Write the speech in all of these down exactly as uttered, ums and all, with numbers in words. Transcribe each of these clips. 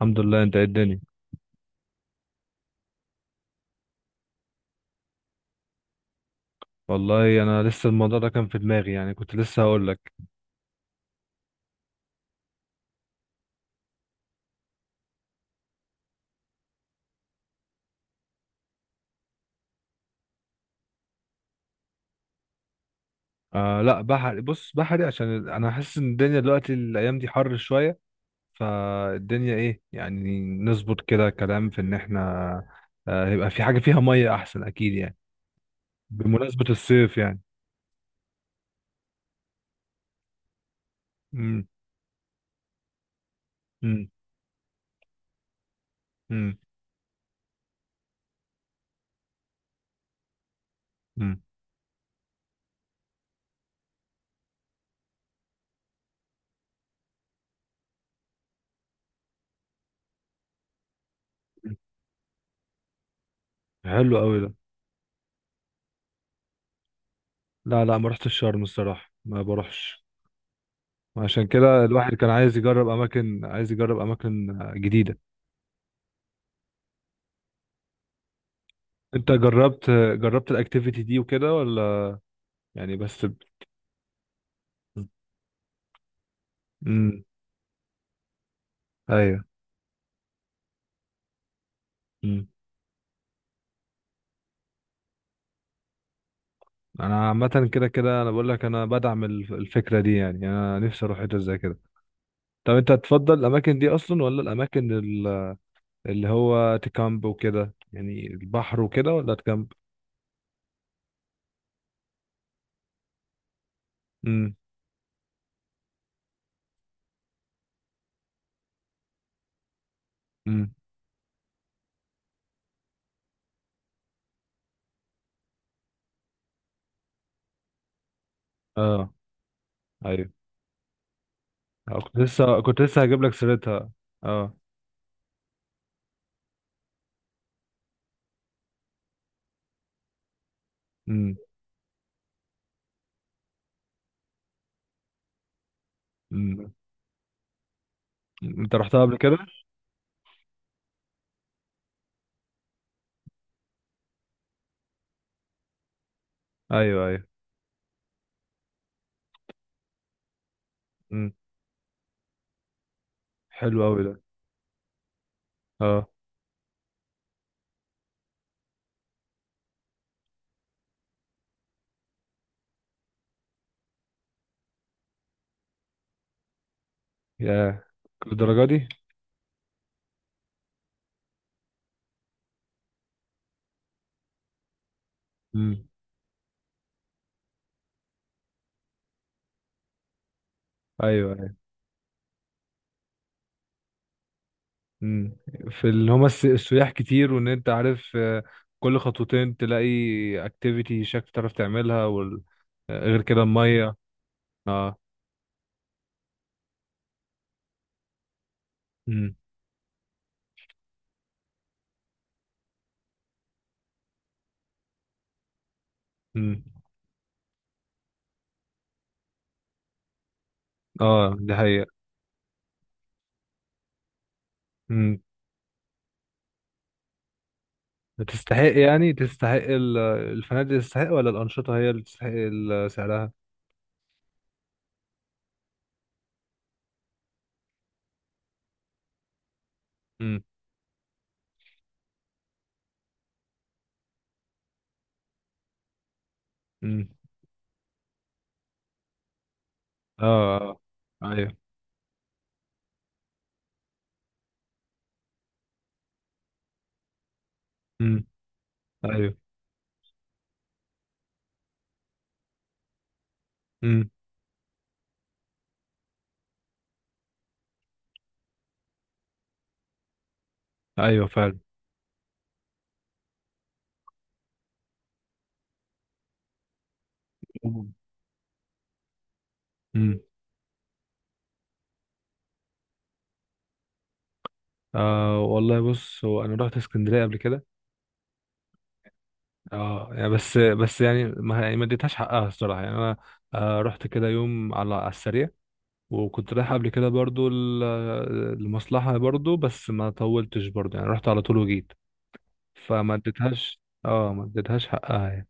الحمد لله. انت ايه الدنيا؟ والله انا لسه الموضوع ده كان في دماغي، يعني كنت لسه هقول لك. آه لا، بحري. بص، بحري عشان ال- انا حاسس ان الدنيا دلوقتي الايام دي حر شويه، فالدنيا ايه يعني. نظبط كده كلام في ان احنا آه يبقى في حاجه فيها ميه احسن، اكيد يعني، بمناسبه الصيف يعني. امم. امم. امم. امم. حلو قوي ده. لا، لا، ما رحتش شرم الصراحه، ما بروحش. عشان كده الواحد كان عايز يجرب اماكن، عايز يجرب اماكن آه، جديده. انت جربت جربت الاكتيفيتي دي وكده ولا؟ يعني بس ب... امم. ايوه. امم. انا عامه كده كده، انا بقول لك، انا بدعم الف- الفكره دي، يعني يعني انا نفسي اروح حته زي كده. طب انت تفضل الاماكن دي اصلا ولا الاماكن ال- اللي هو تكامب وكده، يعني البحر وكده ولا تكامب؟ امم. امم. اه. ايوه. اه، كنت لسه كنت لسه هجيب لك سيرتها. اه. امم. امم. انت رحتها قبل كده؟ ايوه، ايوه. امم. حلو قوي ده. اه يا الدرجه دي. امم. ايوه، ايوه. امم. في اللي هما الس- السياح كتير، وان انت عارف، آه، كل خطوتين تلاقي اكتيفيتي شكل تعرف تعملها، وال... آه، غير كده الميه. اه. امم. امم. اه، دي حقيقة. امم. تستحق، يعني تستحق ال- الفنادق تستحق، ولا الأنشطة هي اللي تستحق ال- سعرها؟ امم. امم. اه. آه. ايوه. امم. ايوه. امم. ايوه، فعلا. امم. آه والله بص، هو انا رحت اسكندرية قبل كده. اه، يعني بس بس، يعني ما يعني ما اديتهاش حقها الصراحه، يعني انا آه، رحت كده يوم على على السريع، وكنت رايح قبل كده برضو ال- المصلحه برضو، بس ما طولتش برضو، يعني رحت على طول وجيت، فما اديتهاش. اه، ما اديتهاش حقها يعني.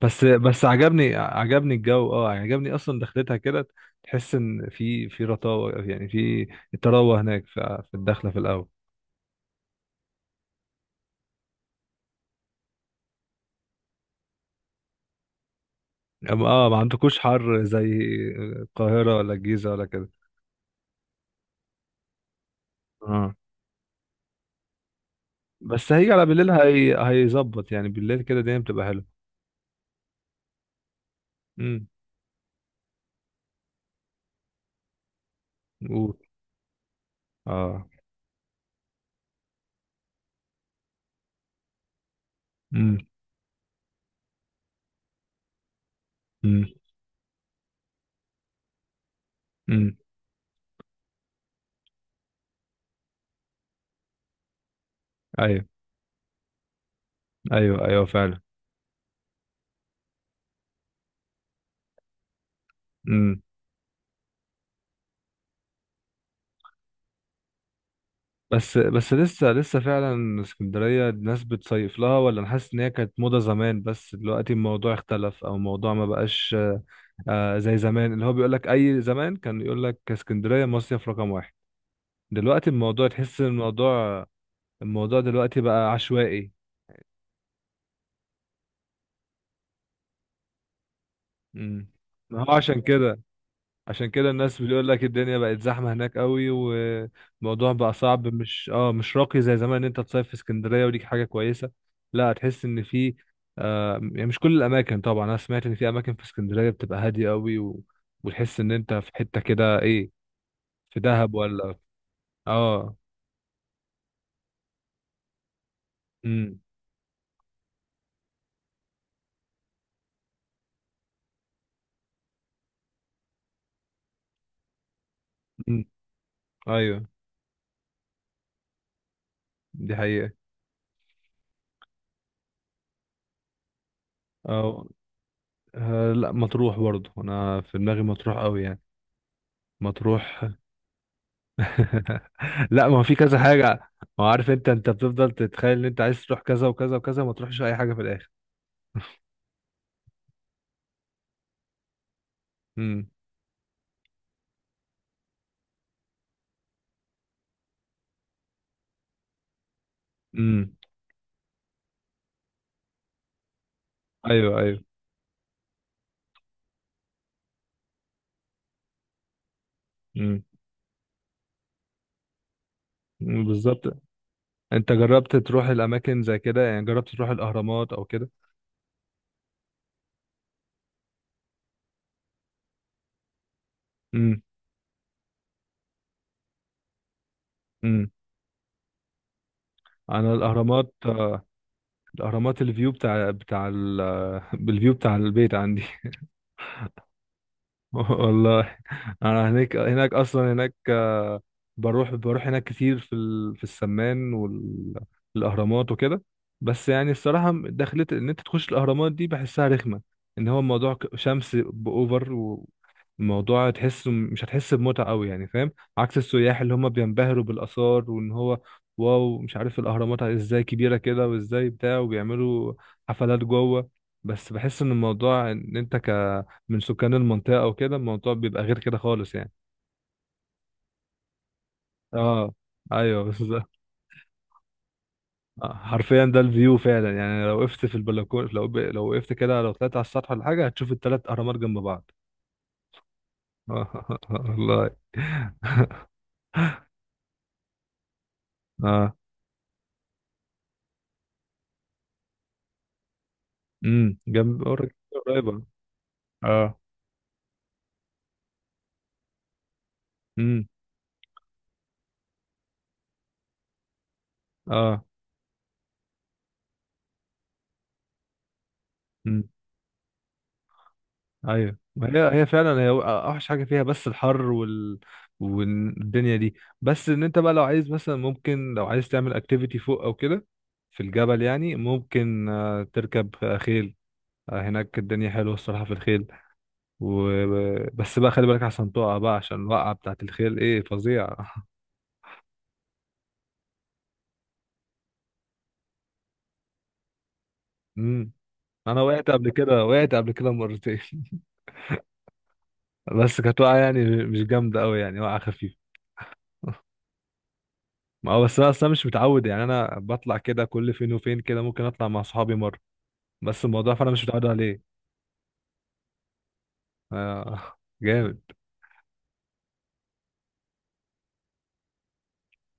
بس بس عجبني عجبني الجو. اه عجبني اصلا دخلتها كده. تحس ان في في رطاوه، يعني في التروه هناك في في الدخله في الاول. اه، ما عندكوش حر زي القاهره ولا الجيزه ولا كده؟ آه. بس هيجي على بالليل، هي... هيظبط يعني، بالليل كده الدنيا بتبقى حلوه. امم. قول. اه. امم. امم. امم. ايوه. ايوه، ايوه فعلا. امم. بس بس لسه لسه فعلا، اسكندريه الناس بتصيف لها، ولا انا حاسس ان هي كانت موضه زمان بس دلوقتي الموضوع اختلف، او الموضوع ما بقاش آه زي زمان، اللي هو بيقول لك اي زمان كان يقول لك اسكندريه مصيف رقم واحد، دلوقتي الموضوع تحس ان الموضوع الموضوع دلوقتي بقى عشوائي. امم. ما هو عشان كده عشان كده الناس بتقول لك الدنيا بقت زحمة هناك قوي، والموضوع بقى صعب، مش، اه، مش راقي زي زمان ان انت تصيف في اسكندرية ودي حاجة كويسة. لا، هتحس ان في آه يعني مش كل الاماكن طبعا. انا سمعت ان في اماكن في اسكندرية بتبقى هادية قوي، و... وتحس ان انت في حتة كده، ايه، في دهب ولا. اه. امم. أمم. ايوه، دي حقيقة. اه. آه، لا، مطروح برضه انا في دماغي، مطروح قوي يعني، مطروح. لا، ما هو في كذا حاجة. ما هو عارف، انت انت بتفضل تتخيل ان انت عايز تروح كذا وكذا وكذا، ما تروحش اي حاجة في الاخر. امم. امم. ايوه. ايوه. امم. أمم، بالظبط. انت جربت تروح الاماكن زي كده، يعني جربت تروح الاهرامات او كده؟ امم. امم. انا الاهرامات، آه، الاهرامات الفيو بتاع بتاع ال... بالفيو بتاع البيت عندي. والله. انا هناك هناك اصلا، هناك آه، بروح بروح هناك كتير في ال... في السمان والاهرامات وكده. بس يعني الصراحه، دخلت ان انت تخش الاهرامات دي بحسها رخمه، ان هو الموضوع ك- شمس باوفر، والموضوع تحسه مش هتحس بمتعه قوي يعني، فاهم؟ عكس السياح اللي هم بينبهروا بالاثار، وان هو، واو، مش عارف الاهرامات ازاي كبيره كده، وازاي بتاع، وبيعملوا حفلات جوه. بس بحس ان الموضوع ان انت من سكان المنطقة وكده، الموضوع بيبقى غير كده خالص يعني. اه. ايوه، بس ده آه، حرفيا ده الفيو فعلا، يعني لو وقفت في البلكونة، لو ب... لو وقفت كده، لو طلعت على السطح ولا حاجة، هتشوف التلات أهرامات جنب بعض. آه. والله. اه. امم. جنب قريب- قريبة. اه. امم. اه. امم. ايوه. ما هي هي فعلا، هي اوحش حاجه فيها بس الحر وال والدنيا دي. بس ان انت بقى لو عايز مثلا، ممكن لو عايز تعمل اكتيفيتي فوق او كده، في الجبل يعني، ممكن آه، تركب آه، خيل. آه، هناك الدنيا حلوه الصراحه في الخيل و... بس بقى خلي بالك عشان تقع، بقى عشان الوقعه بتاعت الخيل ايه فظيعه. امم. انا وقعت قبل كده، وقعت قبل كده مرتين. بس كانت وقعه يعني مش جامده قوي، يعني وقعه خفيفه. ما هو بس انا اصلا مش متعود، يعني انا بطلع كده كل فين وفين كده، ممكن اطلع مع صحابي مره، بس الموضوع فانا مش متعود عليه. آه، جامد.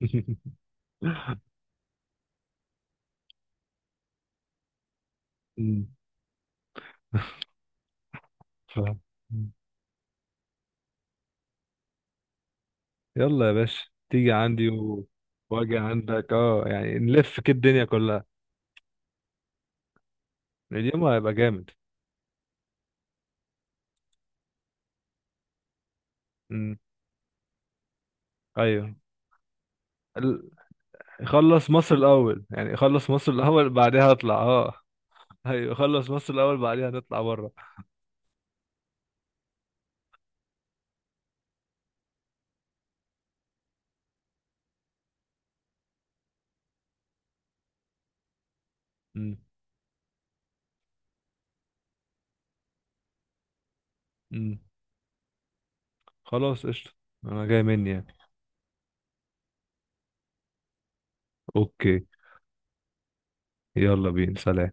أمم. ف... يلا يا باشا، تيجي عندي و... واجي عندك. اه، يعني نلف كده الدنيا كلها. اليوم هيبقى جامد. أمم. ايوه. ال- خلص مصر الاول، يعني خلص مصر الاول بعدها اطلع. اه، ايوه، خلص مصر الاول بعدها نطلع بره. أمم. أمم. خلاص قشطه. انا جاي مني يعني. اوكي. يلا بينا. سلام.